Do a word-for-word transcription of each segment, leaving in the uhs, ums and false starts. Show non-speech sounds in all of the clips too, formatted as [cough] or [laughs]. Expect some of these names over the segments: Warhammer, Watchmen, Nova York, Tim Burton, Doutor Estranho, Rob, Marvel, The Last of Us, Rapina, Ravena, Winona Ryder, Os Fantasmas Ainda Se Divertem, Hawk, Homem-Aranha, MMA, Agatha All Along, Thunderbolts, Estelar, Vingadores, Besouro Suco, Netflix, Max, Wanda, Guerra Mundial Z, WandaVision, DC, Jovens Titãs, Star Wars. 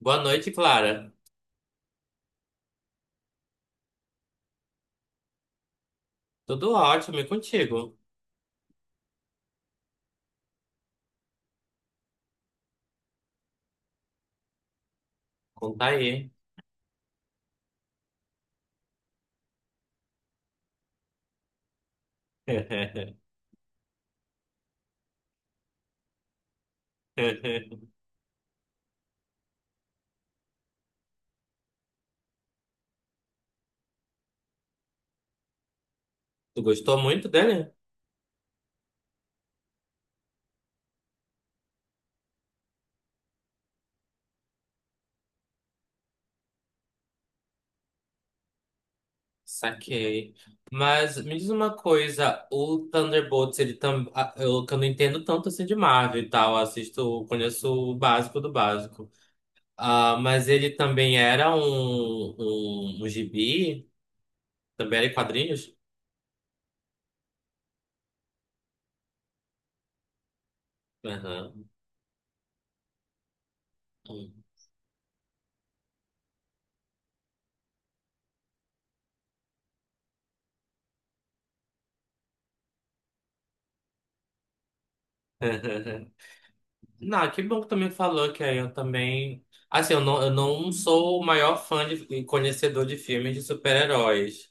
Boa noite, Clara. Tudo ótimo, e contigo? Conta aí. [laughs] Tu gostou muito dele? Saquei. Mas me diz uma coisa, o Thunderbolts, ele tam... ah, eu, que eu não entendo tanto assim de Marvel e tal, assisto, conheço o básico do básico. Ah, mas ele também era um, um, um gibi? Também era em quadrinhos? Aham. [laughs] Não, que bom que também falou que aí eu também. Assim, eu não, eu não sou o maior fã de, e conhecedor de filmes de super-heróis.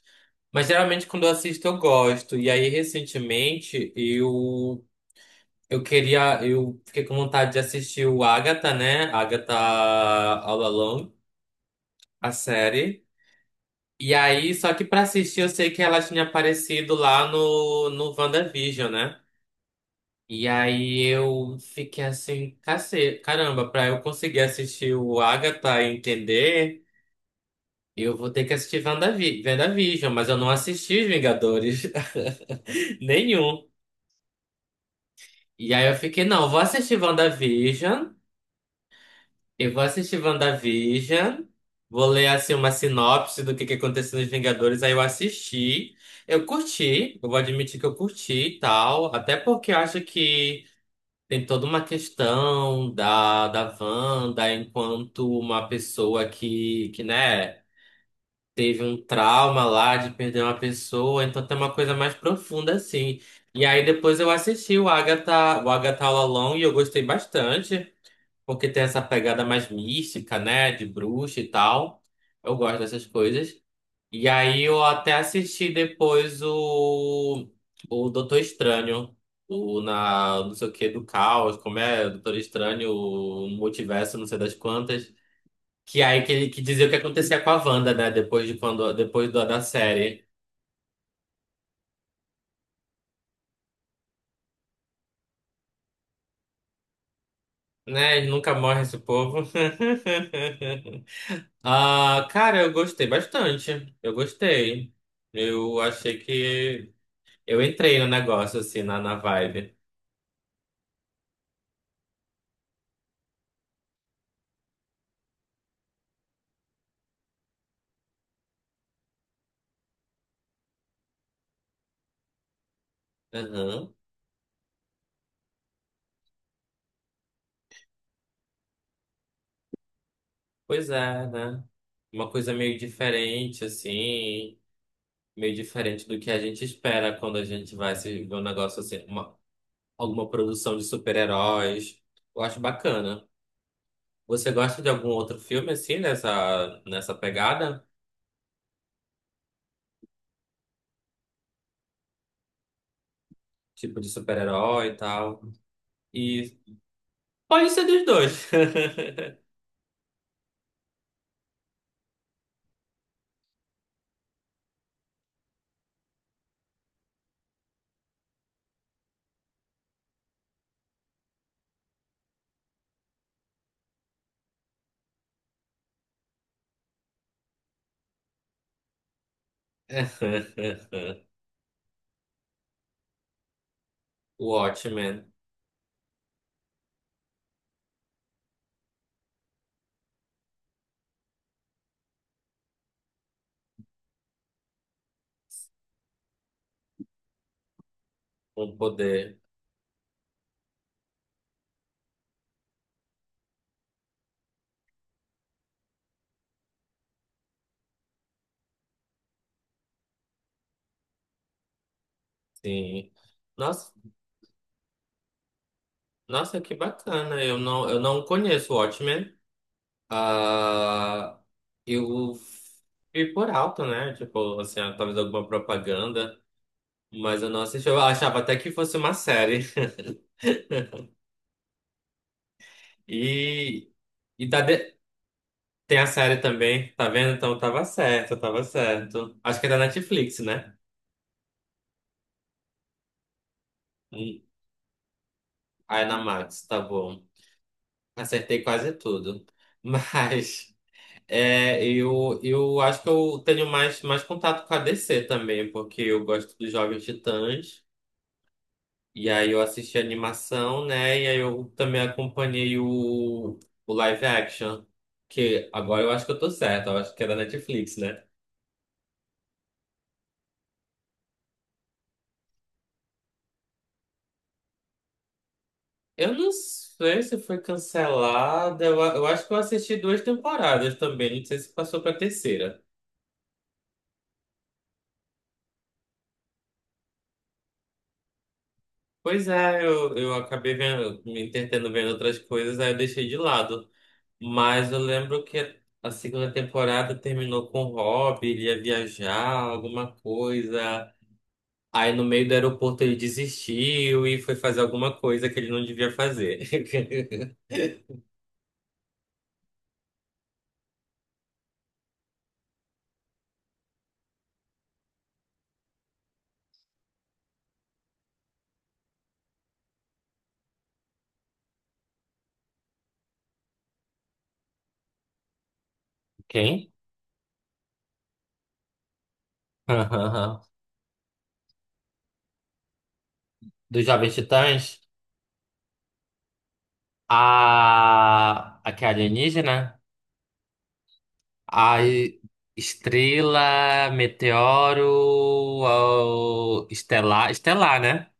Mas geralmente quando eu assisto eu gosto. E aí, recentemente, eu, eu queria. Eu fiquei com vontade de assistir o Agatha, né? Agatha All Along, a série. E aí, só que pra assistir eu sei que ela tinha aparecido lá no, no WandaVision, né? E aí eu fiquei assim, cacete, caramba, pra eu conseguir assistir o Agatha e entender, eu vou ter que assistir Wandavi- WandaVision, mas eu não assisti os Vingadores, [laughs] nenhum. E aí eu fiquei, não, eu vou assistir WandaVision, eu vou assistir WandaVision, vou ler assim uma sinopse do que que aconteceu nos Vingadores, aí eu assisti, eu curti, eu vou admitir que eu curti e tal, até porque eu acho que tem toda uma questão da, da Wanda enquanto uma pessoa que, que, né, teve um trauma lá de perder uma pessoa, então tem uma coisa mais profunda assim. E aí depois eu assisti o Agatha, o Agatha All Along e eu gostei bastante, porque tem essa pegada mais mística, né, de bruxa e tal. Eu gosto dessas coisas. E aí eu até assisti depois o, o Doutor Estranho, o na, não sei o que, do caos, como é, Doutor Estranho, o multiverso, não sei das quantas, que aí que ele que dizia o que acontecia com a Wanda, né, depois de quando, depois da, da série. Né, nunca morre esse povo. [laughs] Ah, cara, eu gostei bastante. Eu gostei. Eu achei que eu entrei no negócio, assim, na, na vibe. Aham. Pois é, né? Uma coisa meio diferente, assim, meio diferente do que a gente espera quando a gente vai se ver um negócio assim, uma, alguma produção de super-heróis. Eu acho bacana. Você gosta de algum outro filme, assim, nessa, nessa pegada? Tipo de super-herói e tal? E pode ser dos dois. [laughs] O Watchmen, o poder, sim. Nossa, nossa, que bacana. Eu não, eu não conheço o Watchmen. Ah, eu vi por alto, né? Tipo, assim, talvez alguma propaganda, mas eu não assisti. Eu achava até que fosse uma série. [laughs] E, e tá de- tem a série também, tá vendo? Então tava certo, tava certo. Acho que é da Netflix, né? Hum, aí na Max, tá bom. Acertei quase tudo. [laughs] Mas é, eu, eu acho que eu tenho mais, mais contato com a D C também, porque eu gosto dos Jovens Titãs. E aí eu assisti a animação, né? E aí eu também acompanhei o, o live action. Que agora eu acho que eu tô certo, eu acho que é da Netflix, né? Eu não sei se foi cancelada. Eu, a- eu acho que eu assisti duas temporadas também. Não sei se passou pra terceira. Pois é, eu, eu acabei vendo, me entretendo vendo outras coisas, aí eu deixei de lado. Mas eu lembro que a segunda temporada terminou com o Rob, ele ia viajar, alguma coisa. Aí no meio do aeroporto ele desistiu e foi fazer alguma coisa que ele não devia fazer. [laughs] Quem? [laughs] Dos Jovens Titãs? A. A que é alienígena? A e- Estrela, Meteoro, a- Estelar. Estelar, né?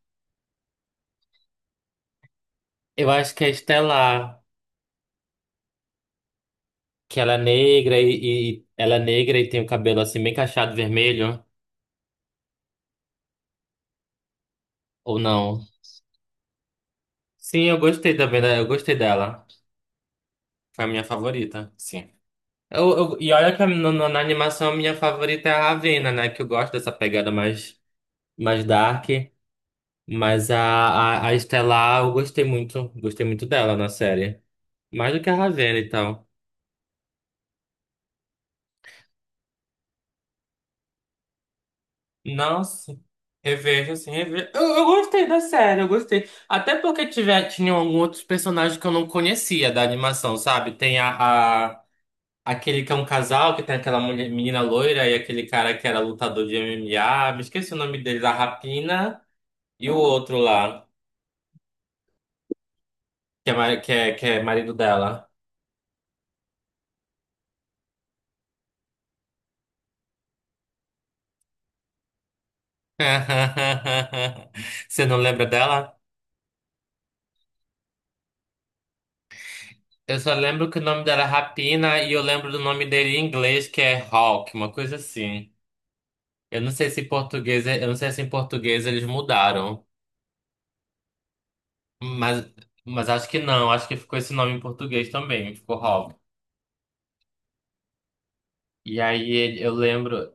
Eu acho que é Estelar. Que ela é negra e, e- ela é negra e tem o cabelo assim bem cacheado vermelho. Ou não? Sim, eu gostei também, né? Eu gostei dela. Foi a minha favorita. Sim. Eu, eu- e olha que no- no- na animação a minha favorita é a Ravena, né? Que eu gosto dessa pegada mais, mais dark. Mas a, a, a Estelar eu gostei muito. Gostei muito dela na série. Mais do que a Ravena e tal. Nossa, revejo assim, revejo. Eu, eu gostei da série, eu gostei. Até porque tiver, tinham alguns outros personagens que eu não conhecia da animação, sabe? Tem a, a- aquele que é um casal, que tem aquela mulher- menina loira e aquele cara que era lutador de M M A. Me esqueci o nome dele, da Rapina. E o outro lá, que é, ma- que é, que é marido dela. [laughs] Você não lembra dela? Eu só lembro que o nome dela é Rapina e eu lembro do nome dele em inglês, que é Hawk, uma coisa assim. Eu não sei se em português, é, eu não sei se em português eles mudaram, mas, mas acho que não, acho que ficou esse nome em português também, ficou Hawk. E aí ele- eu lembro,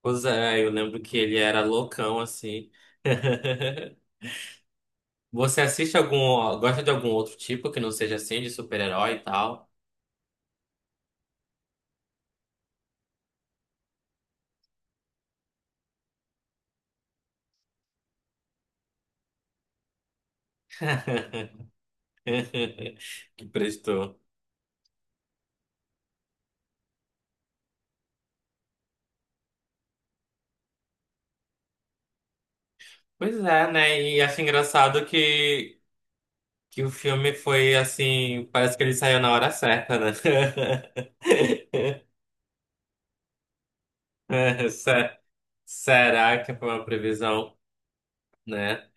pois é, eu lembro que ele era loucão assim. [laughs] Você assiste algum, gosta de algum outro tipo que não seja assim, de super-herói e tal? [laughs] Que prestou. Pois é, né? E acho engraçado que, que o filme foi assim, parece que ele saiu na hora certa, né? [laughs] É, Se- será que foi uma previsão, né?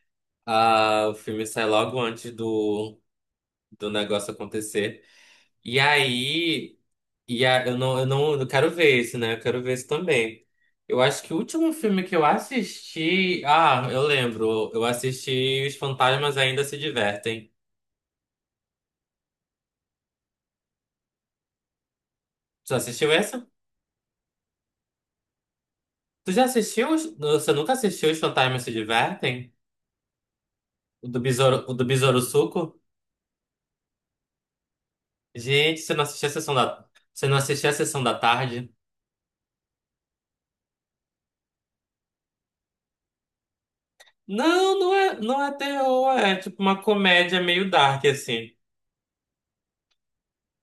Ah, o filme sai logo antes do, do negócio acontecer. E aí. E a, eu não, eu não, eu quero ver esse, né? Eu quero ver esse também. Eu acho que o último filme que eu assisti. Ah, eu lembro. Eu assisti Os Fantasmas Ainda Se Divertem. Tu assistiu essa? Tu já assistiu? os- Você nunca assistiu Os Fantasmas Se Divertem? O do Besouro, o do Besouro Suco? Gente, você não assistiu a sessão da. Você não assistiu a sessão da tarde? Não, não é, não é terror, é tipo uma comédia meio dark, assim.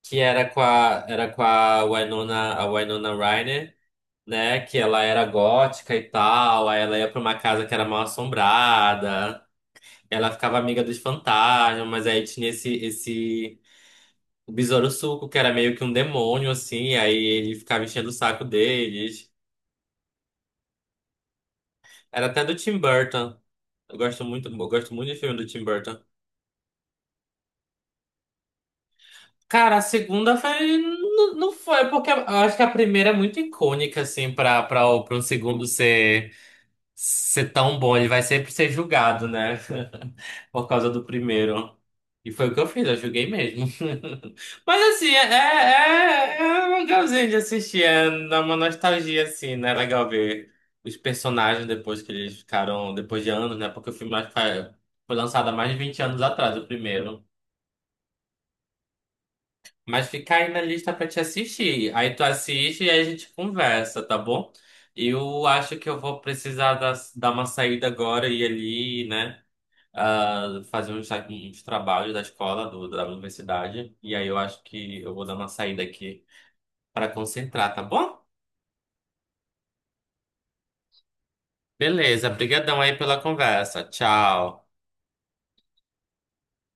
Que era com a, era com a Winona, a Winona Ryder, né? Que ela era gótica e tal, aí ela ia pra uma casa que era mal assombrada, ela ficava amiga dos fantasmas, mas aí tinha esse, esse o Besouro Suco, que era meio que um demônio, assim, aí ele ficava enchendo o saco deles. Era até do Tim Burton. Eu gosto muito, eu gosto muito de filme do Tim Burton. Cara, a segunda foi. Não, não foi, porque eu acho que a primeira é muito icônica, assim, pra, pra, pra um segundo ser. Ser tão bom, ele vai sempre ser julgado, né? [laughs] Por causa do primeiro. E foi o que eu fiz, eu julguei mesmo. [laughs] Mas assim, é, é, é é legalzinho de assistir, é dá uma nostalgia, assim, né? É legal ver os personagens depois que eles ficaram, depois de anos, né? Porque o filme acho que foi foi lançado há mais de vinte anos atrás, o primeiro. Mas fica aí na lista pra te assistir. Aí tu assiste e aí a gente conversa, tá bom? Eu acho que eu vou precisar dar, dar uma saída agora e ir ali, né? Ah, fazer uns, uns trabalhos da escola, do, da universidade. E aí eu acho que eu vou dar uma saída aqui pra concentrar, tá bom? Beleza, brigadão aí pela conversa. Tchau.